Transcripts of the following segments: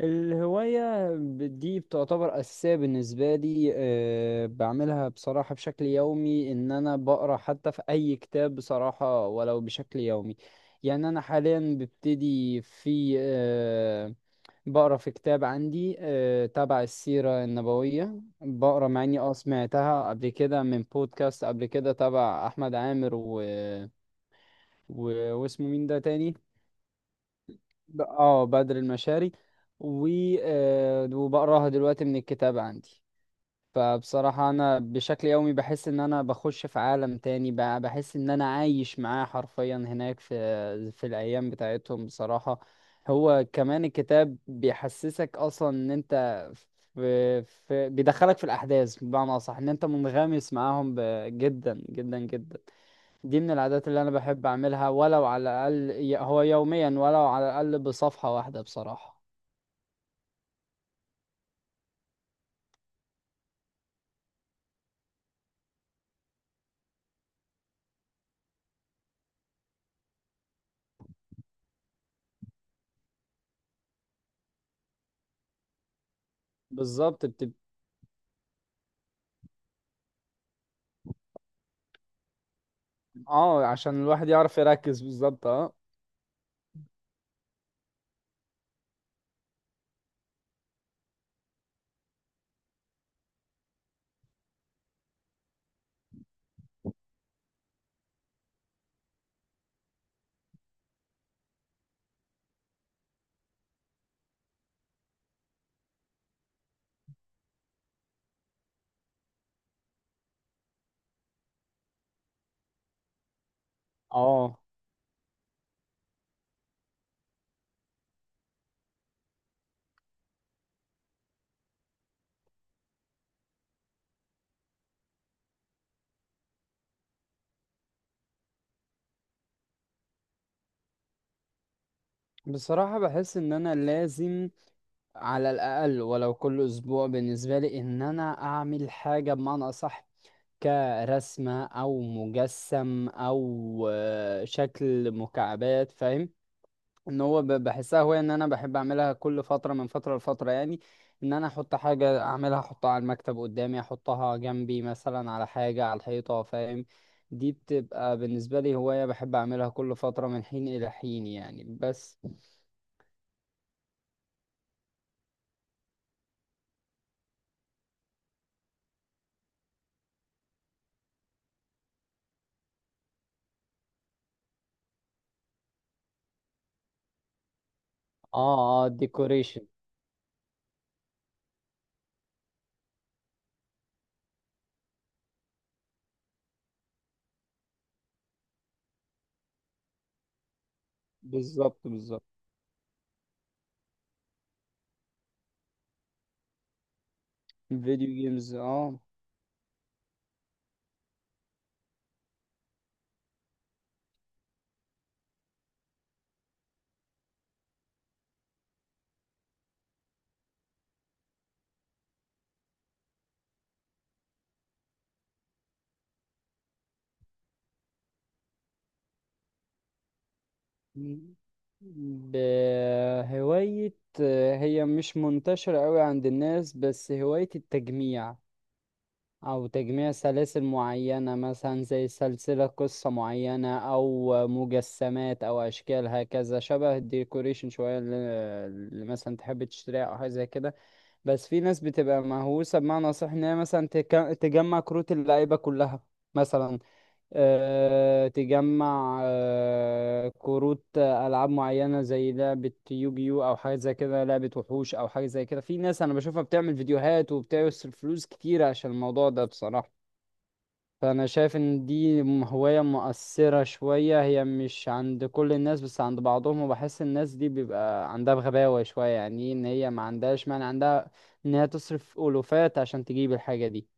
الهواية دي بتعتبر أساسية بالنسبة لي، بعملها بصراحة بشكل يومي. إن أنا بقرأ حتى في أي كتاب بصراحة ولو بشكل يومي. يعني أنا حاليا ببتدي في أه بقرأ في كتاب عندي تبع السيرة النبوية. بقرأ مع إني سمعتها قبل كده من بودكاست قبل كده تبع أحمد عامر و... واسمه مين ده تاني؟ بدر المشاري. و آه، وبقراها دلوقتي من الكتاب عندي. فبصراحة أنا بشكل يومي بحس إن أنا بخش في عالم تاني. بحس إن أنا عايش معاه حرفيا هناك في الأيام بتاعتهم بصراحة. هو كمان الكتاب بيحسسك أصلا إن أنت في بيدخلك في الأحداث، بمعنى أصح، إن أنت منغمس معاهم جدا جدا جدا. دي من العادات اللي انا بحب اعملها، ولو على الاقل هو يوميا ولو على الاقل بصفحة واحدة بصراحة. بالظبط بتبقى. اه عشان الواحد يعرف يركز بالظبط، اه اه. بصراحة بحس ان انا لازم على الاقل ولو كل اسبوع بالنسبة لي ان انا اعمل حاجة، بمعنى اصح كرسمة او مجسم او شكل مكعبات، فاهم. ان هو بحسها هواية ان انا بحب اعملها كل فترة من فترة لفترة يعني. ان انا احط حاجة اعملها، احطها على المكتب قدامي، احطها جنبي مثلا على حاجة على الحيطة، فاهم. دي بتبقى بالنسبة لي هواية بحب اعملها كل فترة من حين الى حين يعني، بس. اه اه، ديكوريشن. بالظبط بالظبط. فيديو جيمز، اه. مم. بهواية هي مش منتشرة قوي عند الناس، بس هواية التجميع، او تجميع سلاسل معينة مثلا زي سلسلة قصة معينة، او مجسمات او اشكال، هكذا شبه الديكوريشن شوية، اللي اللي مثلا تحب تشتريها او حاجة زي كده. بس في ناس بتبقى مهووسة، بمعنى صح ان هي مثلا تجمع كروت اللعيبة كلها مثلا. تجمع كروت ألعاب معينة زي لعبة يوجيو أو حاجة زي كده، لعبة وحوش أو حاجة زي كده. في ناس أنا بشوفها بتعمل فيديوهات وبتصرف فلوس كتير عشان الموضوع ده بصراحة. فأنا شايف إن دي هواية مؤثرة شوية، هي مش عند كل الناس بس عند بعضهم. وبحس الناس دي بيبقى عندها بغباوة شوية، يعني إيه إن هي ما عندهاش مانع عندها إن هي تصرف ألوفات عشان تجيب الحاجة دي.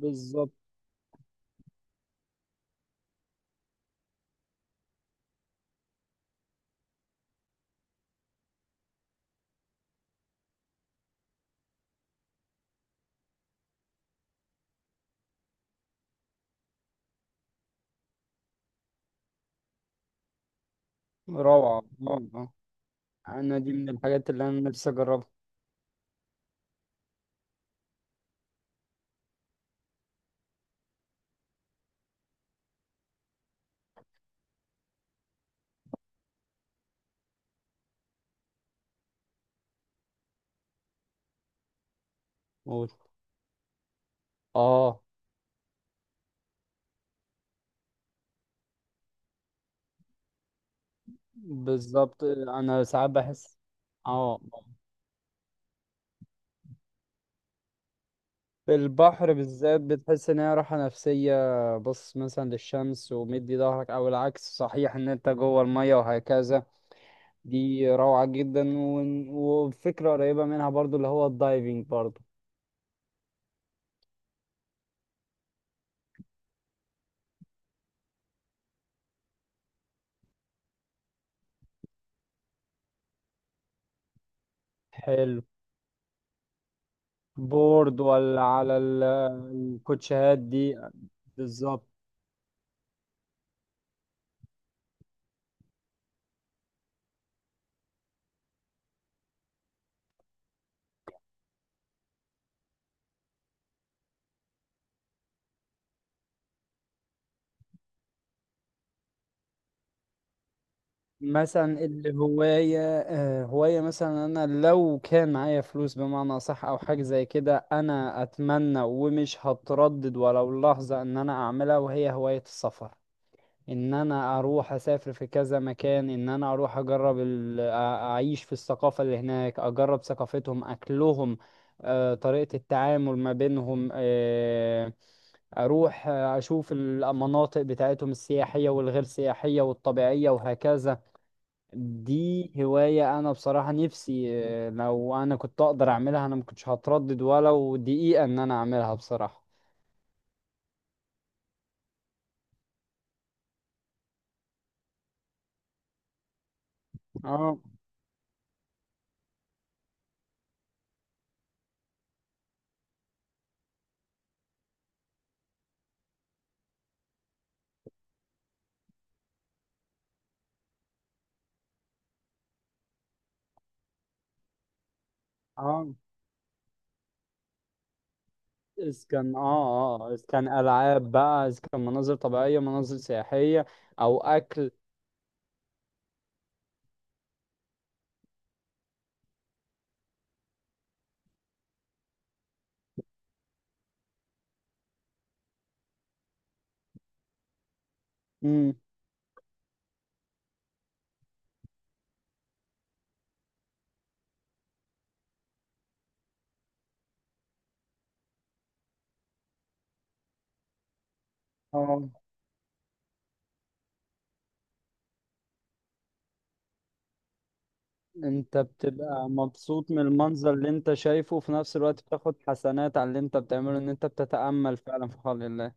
بالظبط. روعة. آه. انا دي من الحاجات اللي انا نفسي اجربها. أقول. اه. بالظبط، انا ساعات بحس. اه. في البحر بالذات بتحس ان هي راحه نفسيه. بص مثلا للشمس ومدي ظهرك، او العكس صحيح ان انت جوه الميه وهكذا. دي روعه جدا. وفكره قريبه منها برضو، اللي هو الدايفنج برضو. حلو. بورد ولا الكوتشيهات دي. بالظبط. مثلا الهواية، هواية مثلا أنا لو كان معايا فلوس بمعنى صح أو حاجة زي كده، أنا أتمنى ومش هتردد ولو لحظة إن أنا أعملها، وهي هواية السفر. إن أنا أروح أسافر في كذا مكان، إن أنا أروح أجرب أعيش في الثقافة اللي هناك، أجرب ثقافتهم، أكلهم، طريقة التعامل ما بينهم، أروح أشوف المناطق بتاعتهم السياحية والغير سياحية والطبيعية وهكذا. دي هواية أنا بصراحة نفسي، لو أنا كنت أقدر أعملها أنا ما كنتش هتردد ولو دقيقة إن أنا أعملها بصراحة. اه اه، إذا كان اه اه، إذا كان ألعاب بقى، إذا كان مناظر طبيعية، مناظر سياحية، أو أكل. مم. اه. أنت بتبقى مبسوط من المنظر اللي أنت شايفه، وفي نفس الوقت بتاخد حسنات على اللي أنت بتعمله إن أنت بتتأمل فعلا في خلق الله.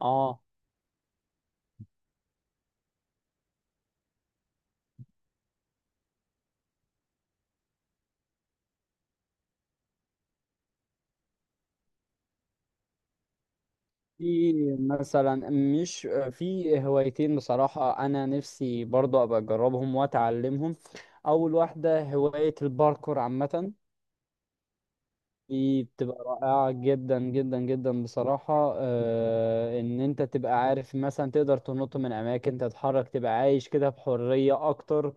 اه. في مثلا، مش في هوايتين بصراحة أنا نفسي برضه أبقى أجربهم وأتعلمهم. أول واحدة هواية الباركور عامة. دي بتبقى رائعة جدا جدا جدا بصراحة، آه، إن أنت تبقى عارف مثلا تقدر تنط من أماكن، تتحرك، تبقى عايش كده بحرية أكتر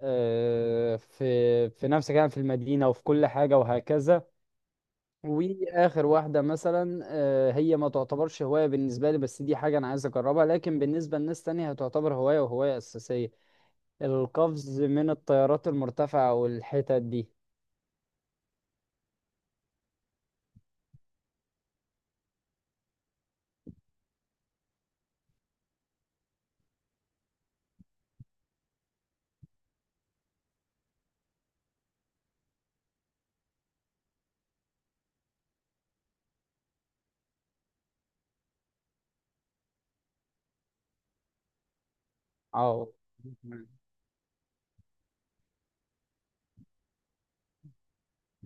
في في نفسك يعني، في المدينة وفي كل حاجة وهكذا. واخر واحده مثلا، هي ما تعتبرش هوايه بالنسبه لي، بس دي حاجه انا عايز اجربها، لكن بالنسبه لناس تانية هتعتبر هوايه وهوايه اساسيه: القفز من الطيارات المرتفعه والحتت دي. اه.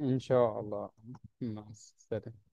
ان شاء الله. مع السلامه.